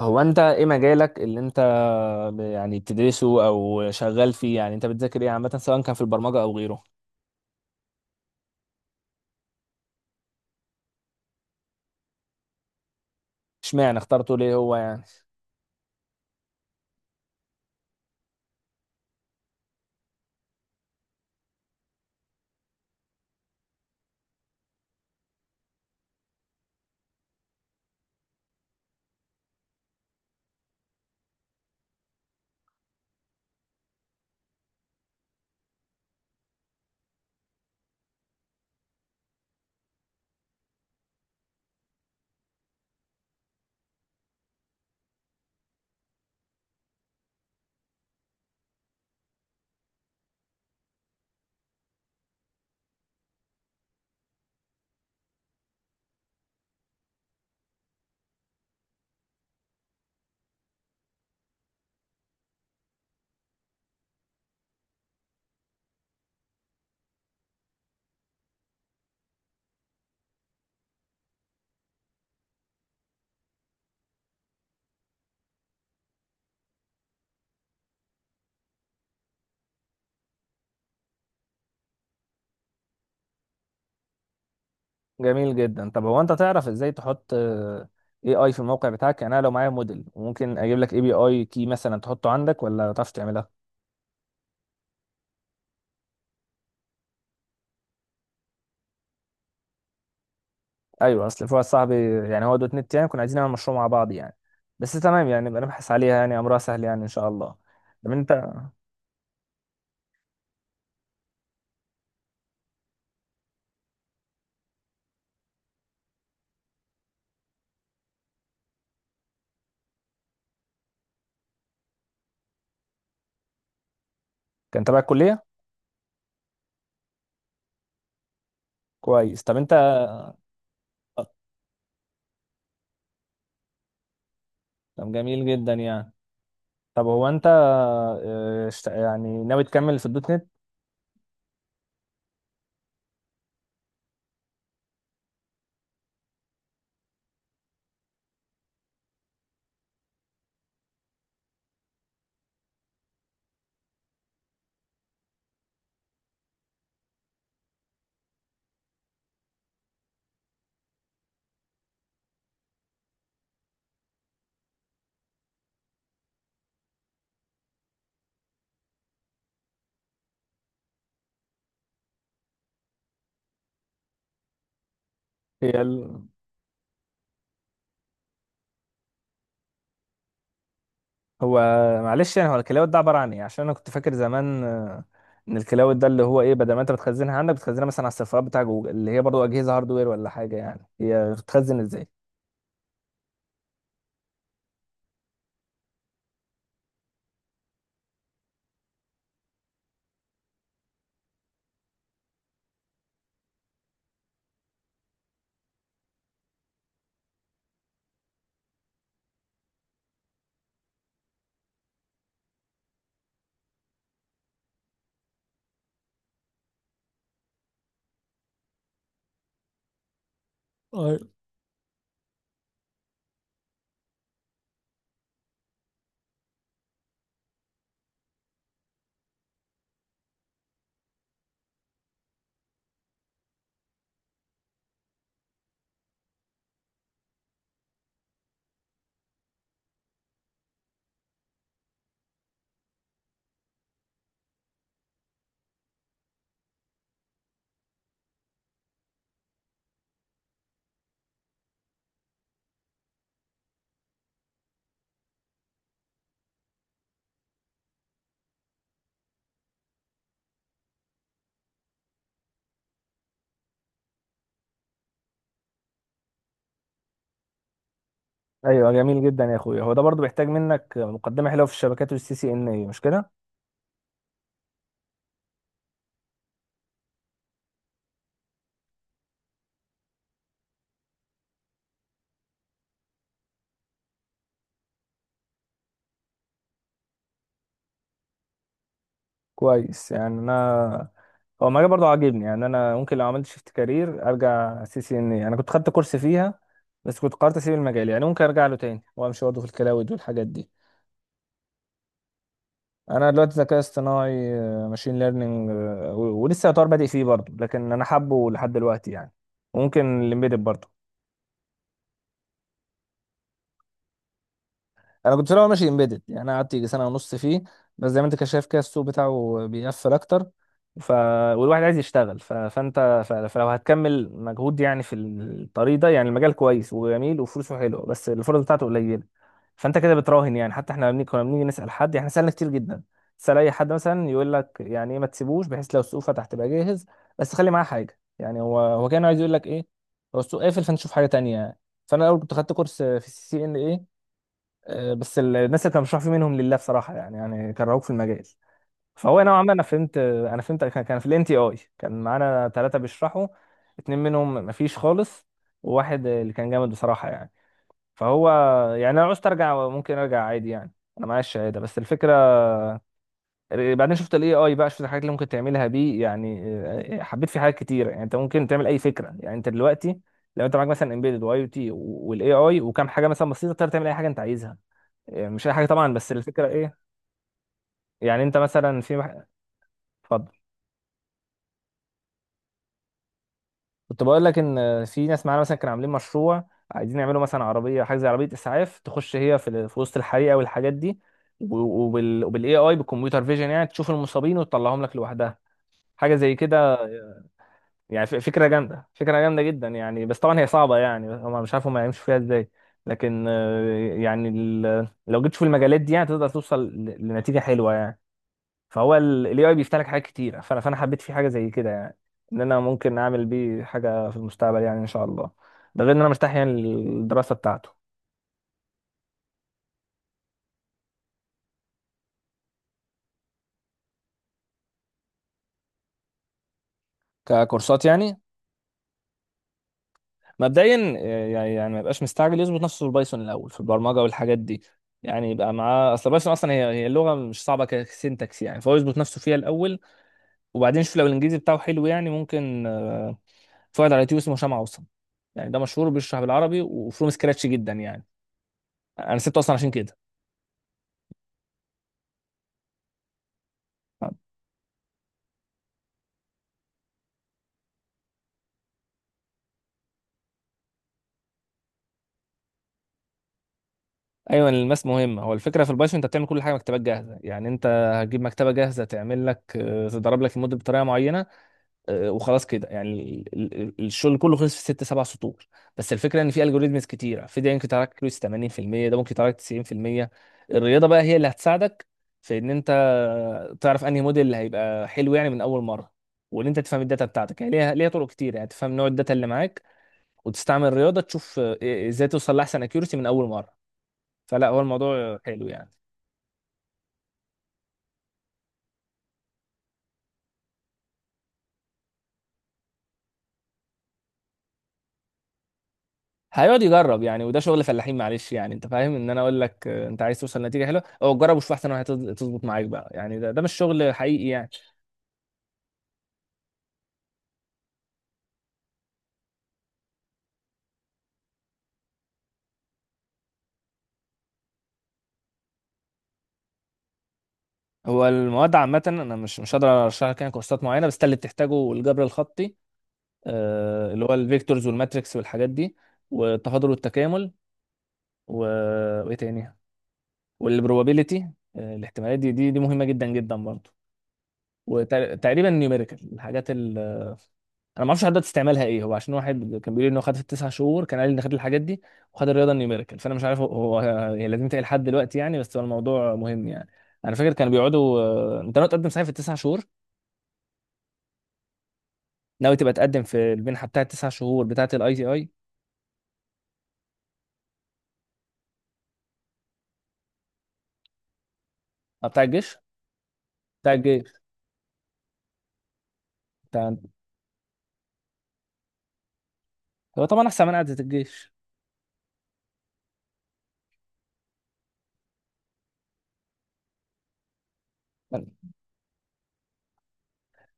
هو انت ايه مجالك اللي انت يعني بتدرسه او شغال فيه؟ يعني انت بتذاكر ايه عامه، سواء كان في البرمجه او غيره؟ اشمعنى اخترته، ليه هو يعني؟ جميل جدا. طب هو انت تعرف ازاي تحط اي اي في الموقع بتاعك؟ يعني انا لو معايا موديل وممكن اجيب لك اي بي اي كي مثلا تحطه عندك، ولا تعرف تعملها؟ ايوه، اصل في واحد صاحبي، يعني هو دوت نت، يعني كنا عايزين نعمل مشروع مع بعض يعني. بس تمام، يعني نبقى نبحث عليها، يعني امرها سهل يعني ان شاء الله. طب انت كان تبع الكليه؟ كويس. طب انت. طب جميل جدا يعني. طب هو انت يعني ناوي تكمل في الدوت نت؟ هي ال- هو معلش، يعني هو الكلاود ده عباره عن ايه؟ عشان انا كنت فاكر زمان ان الكلاود ده اللي هو ايه، بدل ما انت بتخزنها عندك بتخزنها مثلا على السيرفرات بتاع جوجل، اللي هي برضو اجهزه هاردوير ولا حاجه. يعني هي بتخزن ازاي؟ أيوة. ايوه، جميل جدا يا اخويا. هو ده برضو بيحتاج منك مقدمه حلوه في الشبكات والسي سي ان اي، مش كده؟ كويس. يعني انا، هو المجال برضه عاجبني، يعني انا ممكن لو عملت شيفت كارير ارجع سي سي ان اي. انا كنت خدت كورس فيها بس كنت قررت اسيب المجال، يعني ممكن ارجع له تاني وامشي برضه في الكلاود والحاجات دي. انا دلوقتي ذكاء اصطناعي، ماشين ليرنينج، ولسه يعتبر بادئ فيه برضه، لكن انا حابه لحد دلوقتي يعني. وممكن الامبيدد برضه. انا كنت في الاول ماشي امبيدد، يعني انا قعدت يجي سنة ونص فيه، بس زي ما انت كده شايف كده السوق بتاعه بيقفل اكتر. ف... والواحد عايز يشتغل. فلو هتكمل مجهود يعني في الطريق ده، يعني المجال كويس وجميل وفلوسه حلوه، بس الفرص بتاعته قليله. فانت كده بتراهن. يعني حتى احنا لما كنا بنيجي نسال حد، احنا سالنا كتير جدا. تسال اي حد مثلا يقول لك يعني ايه، ما تسيبوش بحيث لو السوق فتح تبقى جاهز، بس خلي معاه حاجه. يعني هو كان عايز يقول لك ايه، هو السوق قافل فانت شوف حاجه تانيه يعني. فانا الاول كنت خدت كورس في سي سي ان بس الناس اللي كانوا بيشرحوا فيه منهم لله بصراحه، يعني يعني كرهوك في المجال. فهو نوعا ما، انا فهمت، كان في الان تي اي كان معانا 3 بيشرحوا، 2 منهم مفيش خالص، وواحد اللي كان جامد بصراحه يعني. فهو يعني انا لو عوزت ارجع ممكن ارجع عادي يعني، انا معايا الشهاده. بس الفكره، بعدين شفت الاي اي بقى، شفت الحاجات اللي ممكن تعملها بيه يعني. حبيت فيه حاجات كتيره. يعني انت ممكن تعمل اي فكره، يعني انت دلوقتي لو انت معاك مثلا امبيدد واي او تي والاي اي وكام حاجه مثلا بسيطه، تقدر تعمل اي حاجه انت عايزها. مش اي حاجه طبعا، بس الفكره ايه. يعني انت مثلا في اتفضل. كنت بقول لك ان في ناس معانا مثلا كانوا عاملين مشروع، عايزين يعملوا مثلا عربيه، حاجه زي عربيه اسعاف، تخش هي في, في وسط الحريقه والحاجات دي، و- وبال، وبالاي اي بالكمبيوتر فيجن، يعني تشوف المصابين وتطلعهم لك لوحدها، حاجه زي كده يعني. فكره جامده، فكره جامده جدا يعني. بس طبعا هي صعبه، يعني هم مش عارف هم هيمشوا فيها ازاي. لكن يعني لو جيت في المجالات دي يعني تقدر توصل لنتيجه حلوه يعني. فهو الاي اي بيفتح لك حاجات كتيره، فانا حبيت فيه حاجه زي كده، يعني ان انا ممكن اعمل بيه حاجه في المستقبل يعني ان شاء الله. ده غير ان انا مرتاح يعني للدراسه بتاعته. ككورسات يعني؟ مبدئيا يعني يعني ما يبقاش مستعجل، يظبط نفسه في البايثون الاول، في البرمجه والحاجات دي. يعني يبقى معاه اصل. بايثون اصلا هي اللغه مش صعبه كسنتكس يعني، فهو يظبط نفسه فيها الاول. وبعدين شوف، لو الانجليزي بتاعه حلو يعني ممكن في واحد على اليوتيوب اسمه هشام عوصم، يعني ده مشهور بيشرح بالعربي وفروم سكراتش جدا يعني. انا سبته اصلا عشان كده. ايوه، الماس مهم. هو الفكره في البايثون انت بتعمل كل حاجه مكتبات جاهزه. يعني انت هتجيب مكتبه جاهزه تعمل لك تضرب لك المود بطريقه معينه وخلاص كده يعني. الشغل كله خلص في 6 7 سطور. بس الفكره ان في الجوريزمز كتيره في ده، ممكن تراكلس 80%، ده ممكن تراكلس 90%. الرياضه بقى هي اللي هتساعدك، في ان انت تعرف انهي موديل اللي هيبقى حلو يعني من اول مره، وان انت تفهم الداتا بتاعتك يعني. ليها طرق كتير يعني تفهم نوع الداتا اللي معاك، وتستعمل الرياضه تشوف آه، إيه، ازاي توصل لاحسن اكيورسي من اول مره. فلا، هو الموضوع حلو يعني. هيقعد يجرب، يعني وده شغل فلاحين معلش. يعني انت فاهم، ان انا اقول لك انت عايز توصل لنتيجه حلوه، او جرب وشوف احسن هتظبط معاك بقى، يعني ده مش شغل حقيقي يعني. هو المواد عامه انا مش هقدر ارشح لك يعني كورسات معينه، بس ده اللي بتحتاجه: الجبر الخطي، اللي هو الفيكتورز والماتريكس والحاجات دي، والتفاضل والتكامل، وايه تاني، والبروبابيلتي، الاحتمالات، دي مهمه جدا جدا برضه. وتقريبا نيوميريكال الحاجات ال، انا ما اعرفش حضرتك تستعملها ايه. هو عشان واحد كان بيقول لي ان هو خد في التسع شهور، كان قال لي ان خد الحاجات دي وخد الرياضه النيوميريكال. فانا مش عارف هو يعني لازم تلاقي لحد دلوقتي يعني، بس هو الموضوع مهم يعني. انا فاكر كانوا بيقعدوا انت ناوي تقدم صحيح في ال9 شهور؟ ناوي تبقى تقدم في المنحه بتاعه ال9 شهور بتاعه الاي تي اي؟ بتاع الجيش. بتاع الجيش. بتاع، هو طبعا احسن من قعده الجيش.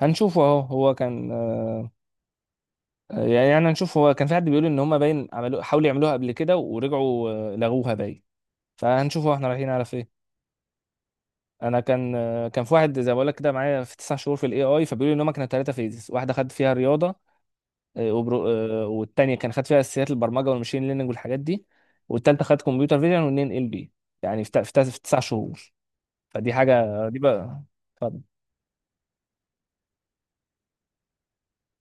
هنشوفه اهو. هو كان يعني يعني هنشوف. هو كان في حد بيقول ان هم باين عملوا، حاولوا يعملوها قبل كده ورجعوا لغوها باين. فهنشوف احنا رايحين على فين. انا كان، كان في واحد زي ما بقول لك كده معايا في 9 شهور في الاي اي، فبيقولوا ان هم كانوا 3 فيزز، واحده خد فيها رياضه آه، وبرو... آه، والتانيه كان خد فيها اساسيات البرمجه والماشين ليرنينج والحاجات دي، والتالته خد كمبيوتر فيجن والنين ال بي. يعني في, في 9 شهور. فدي حاجه دي بقى. اتفضل.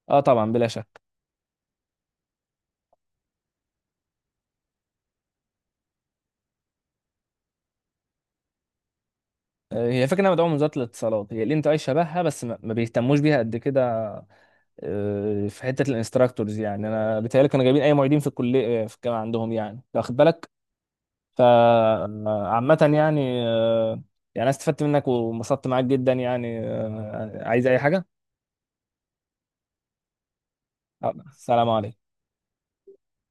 اه طبعا، بلا شك. هي فكره انها مدعومه من وزاره الاتصالات، هي الانت اي شبهها، بس ما بيهتموش بيها قد كده. في حته الانستراكتورز، يعني انا بيتهيألي كانوا جايبين اي معيدين في الكليه، في الجامعه عندهم يعني، واخد بالك. فعامة يعني يعني أنا استفدت منك وانبسطت معاك جدا يعني. عايز أي حاجة؟ سلام عليكم.